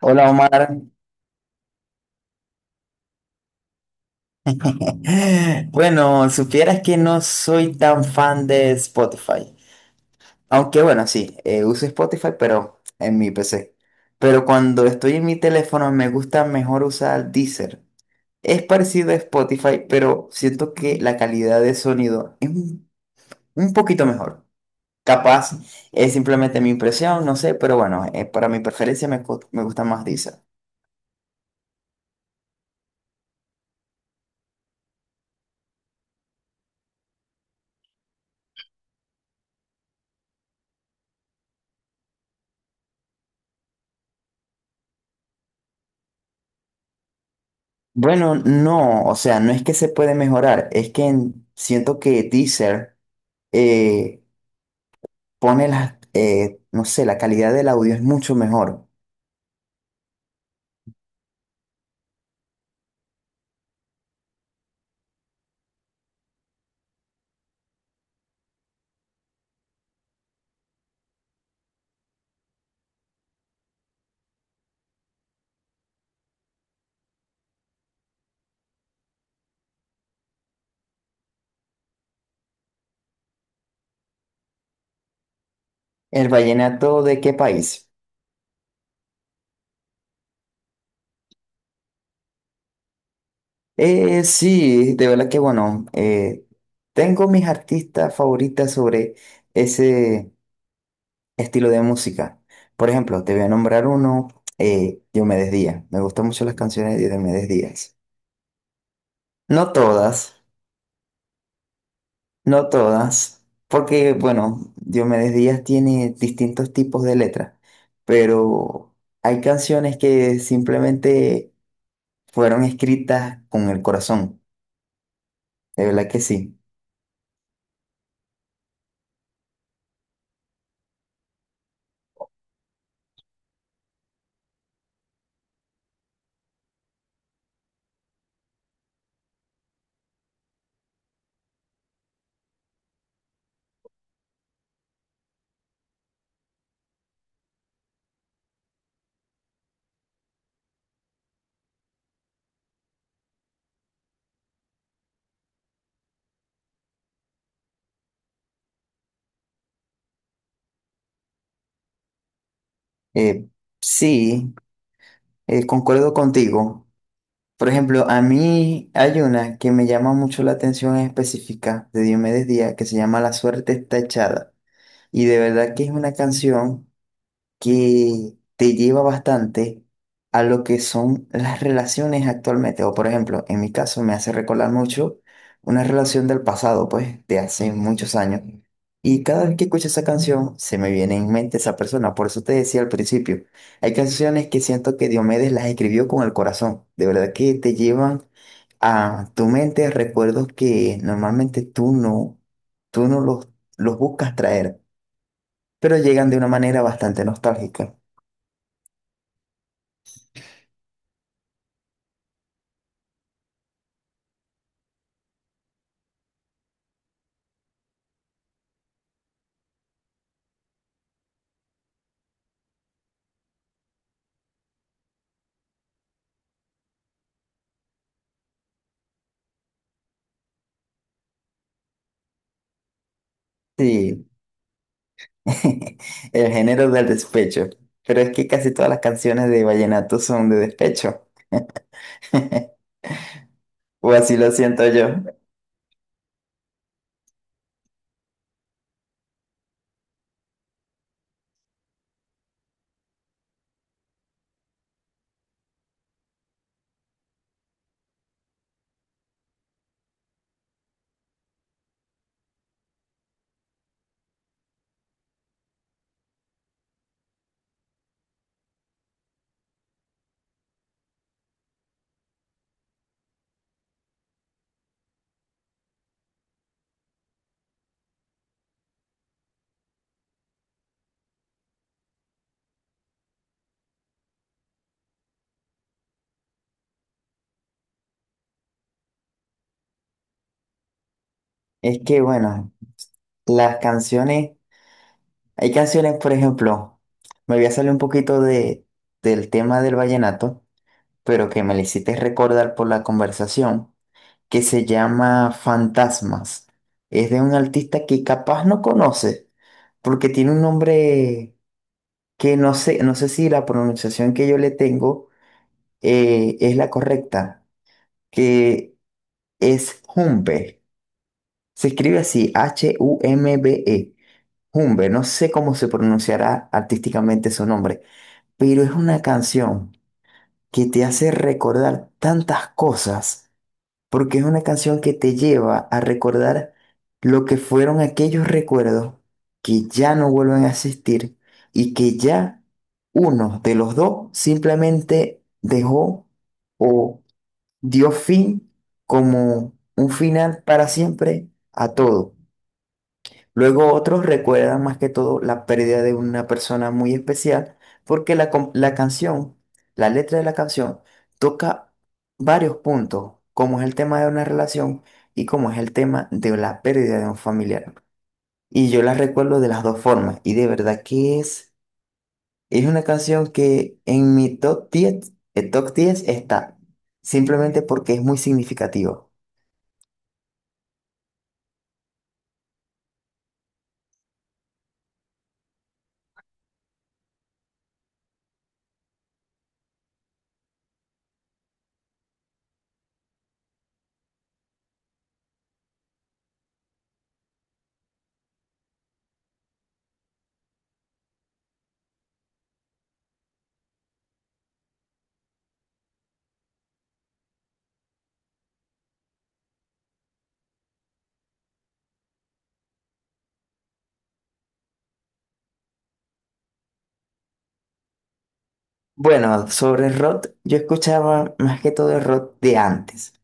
Hola Omar. Bueno, supieras que no soy tan fan de Spotify. Aunque bueno, sí, uso Spotify, pero en mi PC. Pero cuando estoy en mi teléfono me gusta mejor usar Deezer. Es parecido a Spotify, pero siento que la calidad de sonido es un poquito mejor. Capaz es simplemente mi impresión, no sé, pero bueno, para mi preferencia me gusta más Deezer. Bueno, no, o sea, no es que se puede mejorar, es que siento que Deezer eh, pone las, no sé, la calidad del audio es mucho mejor. ¿El vallenato de qué país? Sí, de verdad que bueno, tengo mis artistas favoritas sobre ese estilo de música. Por ejemplo, te voy a nombrar uno, Diomedes Díaz. Me gustan mucho las canciones de Diomedes Díaz. No todas. No todas, porque bueno, Diomedes Díaz tiene distintos tipos de letras, pero hay canciones que simplemente fueron escritas con el corazón, de verdad que sí. Eh, sí, Concuerdo contigo. Por ejemplo, a mí hay una que me llama mucho la atención en específica de Diomedes Díaz que se llama La suerte está echada. Y de verdad que es una canción que te lleva bastante a lo que son las relaciones actualmente. O por ejemplo, en mi caso me hace recordar mucho una relación del pasado, pues, de hace muchos años. Y cada vez que escucho esa canción, se me viene en mente esa persona. Por eso te decía al principio, hay canciones que siento que Diomedes las escribió con el corazón. De verdad que te llevan a tu mente recuerdos que normalmente tú no los, los buscas traer, pero llegan de una manera bastante nostálgica. Sí, el género del despecho. Pero es que casi todas las canciones de vallenato son de despecho, o así lo siento yo. Es que bueno, las canciones, hay canciones, por ejemplo, me voy a salir un poquito del tema del vallenato, pero que me lo hiciste recordar por la conversación, que se llama Fantasmas. Es de un artista que capaz no conoce, porque tiene un nombre que no sé si la pronunciación que yo le tengo es la correcta, que es Humbe. Se escribe así, Humbe. Humbe, no sé cómo se pronunciará artísticamente su nombre, pero es una canción que te hace recordar tantas cosas, porque es una canción que te lleva a recordar lo que fueron aquellos recuerdos que ya no vuelven a existir y que ya uno de los dos simplemente dejó o dio fin como un final para siempre a todo. Luego otros recuerdan más que todo la pérdida de una persona muy especial porque la canción, la letra de la canción, toca varios puntos, como es el tema de una relación y como es el tema de la pérdida de un familiar. Y yo la recuerdo de las dos formas y de verdad que es una canción que en mi top 10 está, simplemente porque es muy significativa. Bueno, sobre el rock, yo escuchaba más que todo el rock de antes,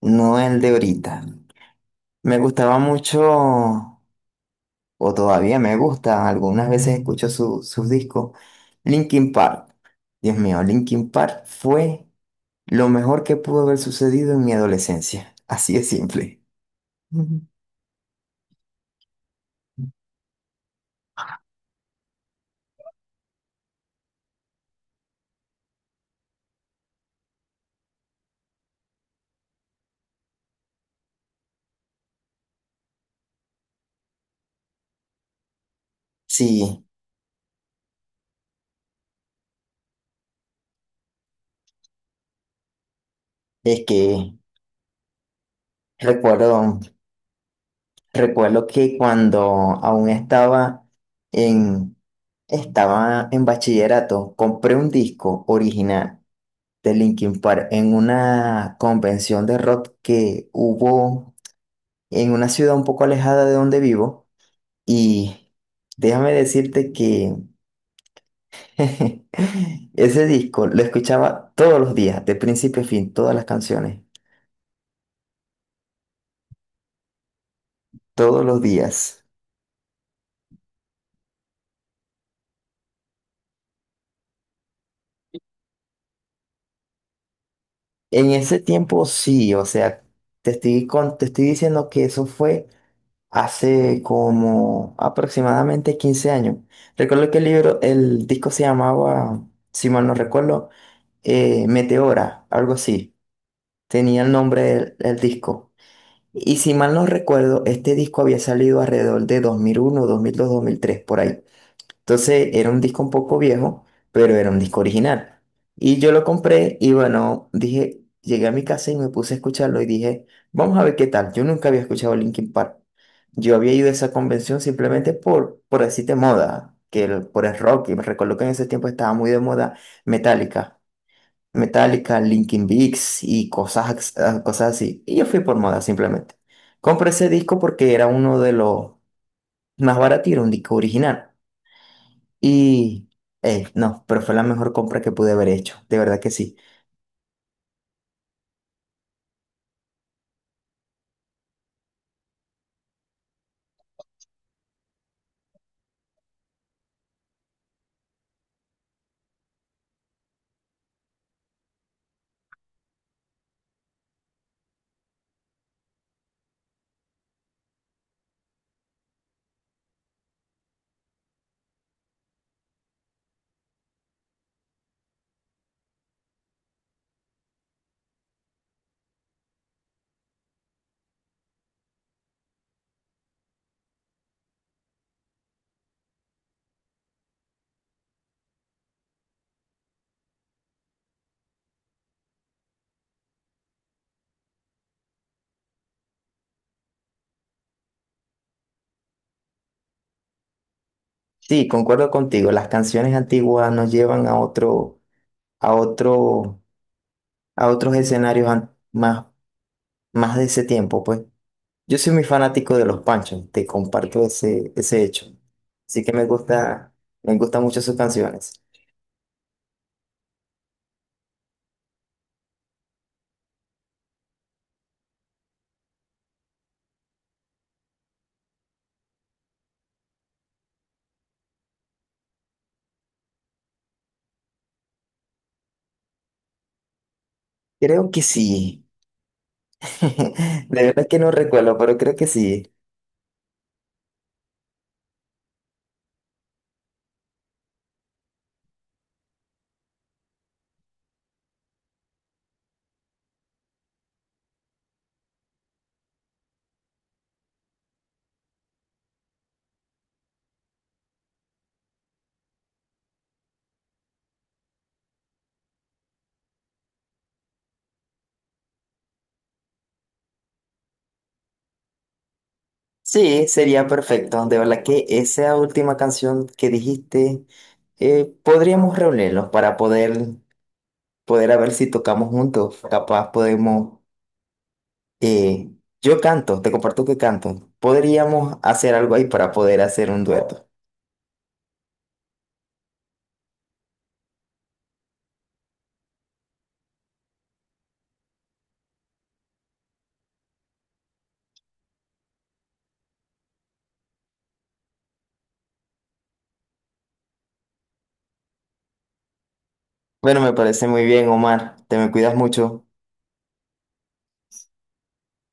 no el de ahorita. Me gustaba mucho, o todavía me gusta, algunas veces escucho sus discos, Linkin Park. Dios mío, Linkin Park fue lo mejor que pudo haber sucedido en mi adolescencia, así de simple. Ujú. Sí, es que recuerdo. Recuerdo que cuando aún en, estaba en bachillerato, compré un disco original de Linkin Park en una convención de rock que hubo en una ciudad un poco alejada de donde vivo. Y déjame decirte que ese disco lo escuchaba todos los días, de principio a fin, todas las canciones, todos los días. En ese tiempo sí, o sea, te estoy diciendo que eso fue hace como aproximadamente 15 años. Recuerdo que el libro, el disco se llamaba, si mal no recuerdo, Meteora, algo así. Tenía el nombre del disco. Y si mal no recuerdo, este disco había salido alrededor de dos mil uno, 2003, por ahí. Entonces era un disco un poco viejo, pero era un disco original. Y yo lo compré y bueno, dije, llegué a mi casa y me puse a escucharlo y dije, vamos a ver qué tal. Yo nunca había escuchado Linkin Park. Yo había ido a esa convención simplemente por decirte moda, por el rock. Y me recuerdo que en ese tiempo estaba muy de moda Metallica. Metallica, Linkin Park y cosas así. Y yo fui por moda simplemente. Compré ese disco porque era uno de los más baratos, y era un disco original. Y no, pero fue la mejor compra que pude haber hecho, de verdad que sí. Sí, concuerdo contigo, las canciones antiguas nos llevan a otro, a otros escenarios más, más de ese tiempo, pues. Yo soy muy fanático de los Panchos, te comparto ese hecho. Así que me gustan mucho sus canciones. Creo que sí. De verdad que no recuerdo, pero creo que sí. Sí, sería perfecto. De verdad que esa última canción que dijiste, podríamos reunirnos para poder a ver si tocamos juntos. Capaz podemos, eh, yo canto, te comparto que canto. Podríamos hacer algo ahí para poder hacer un dueto. Bueno, me parece muy bien, Omar. Te me cuidas mucho.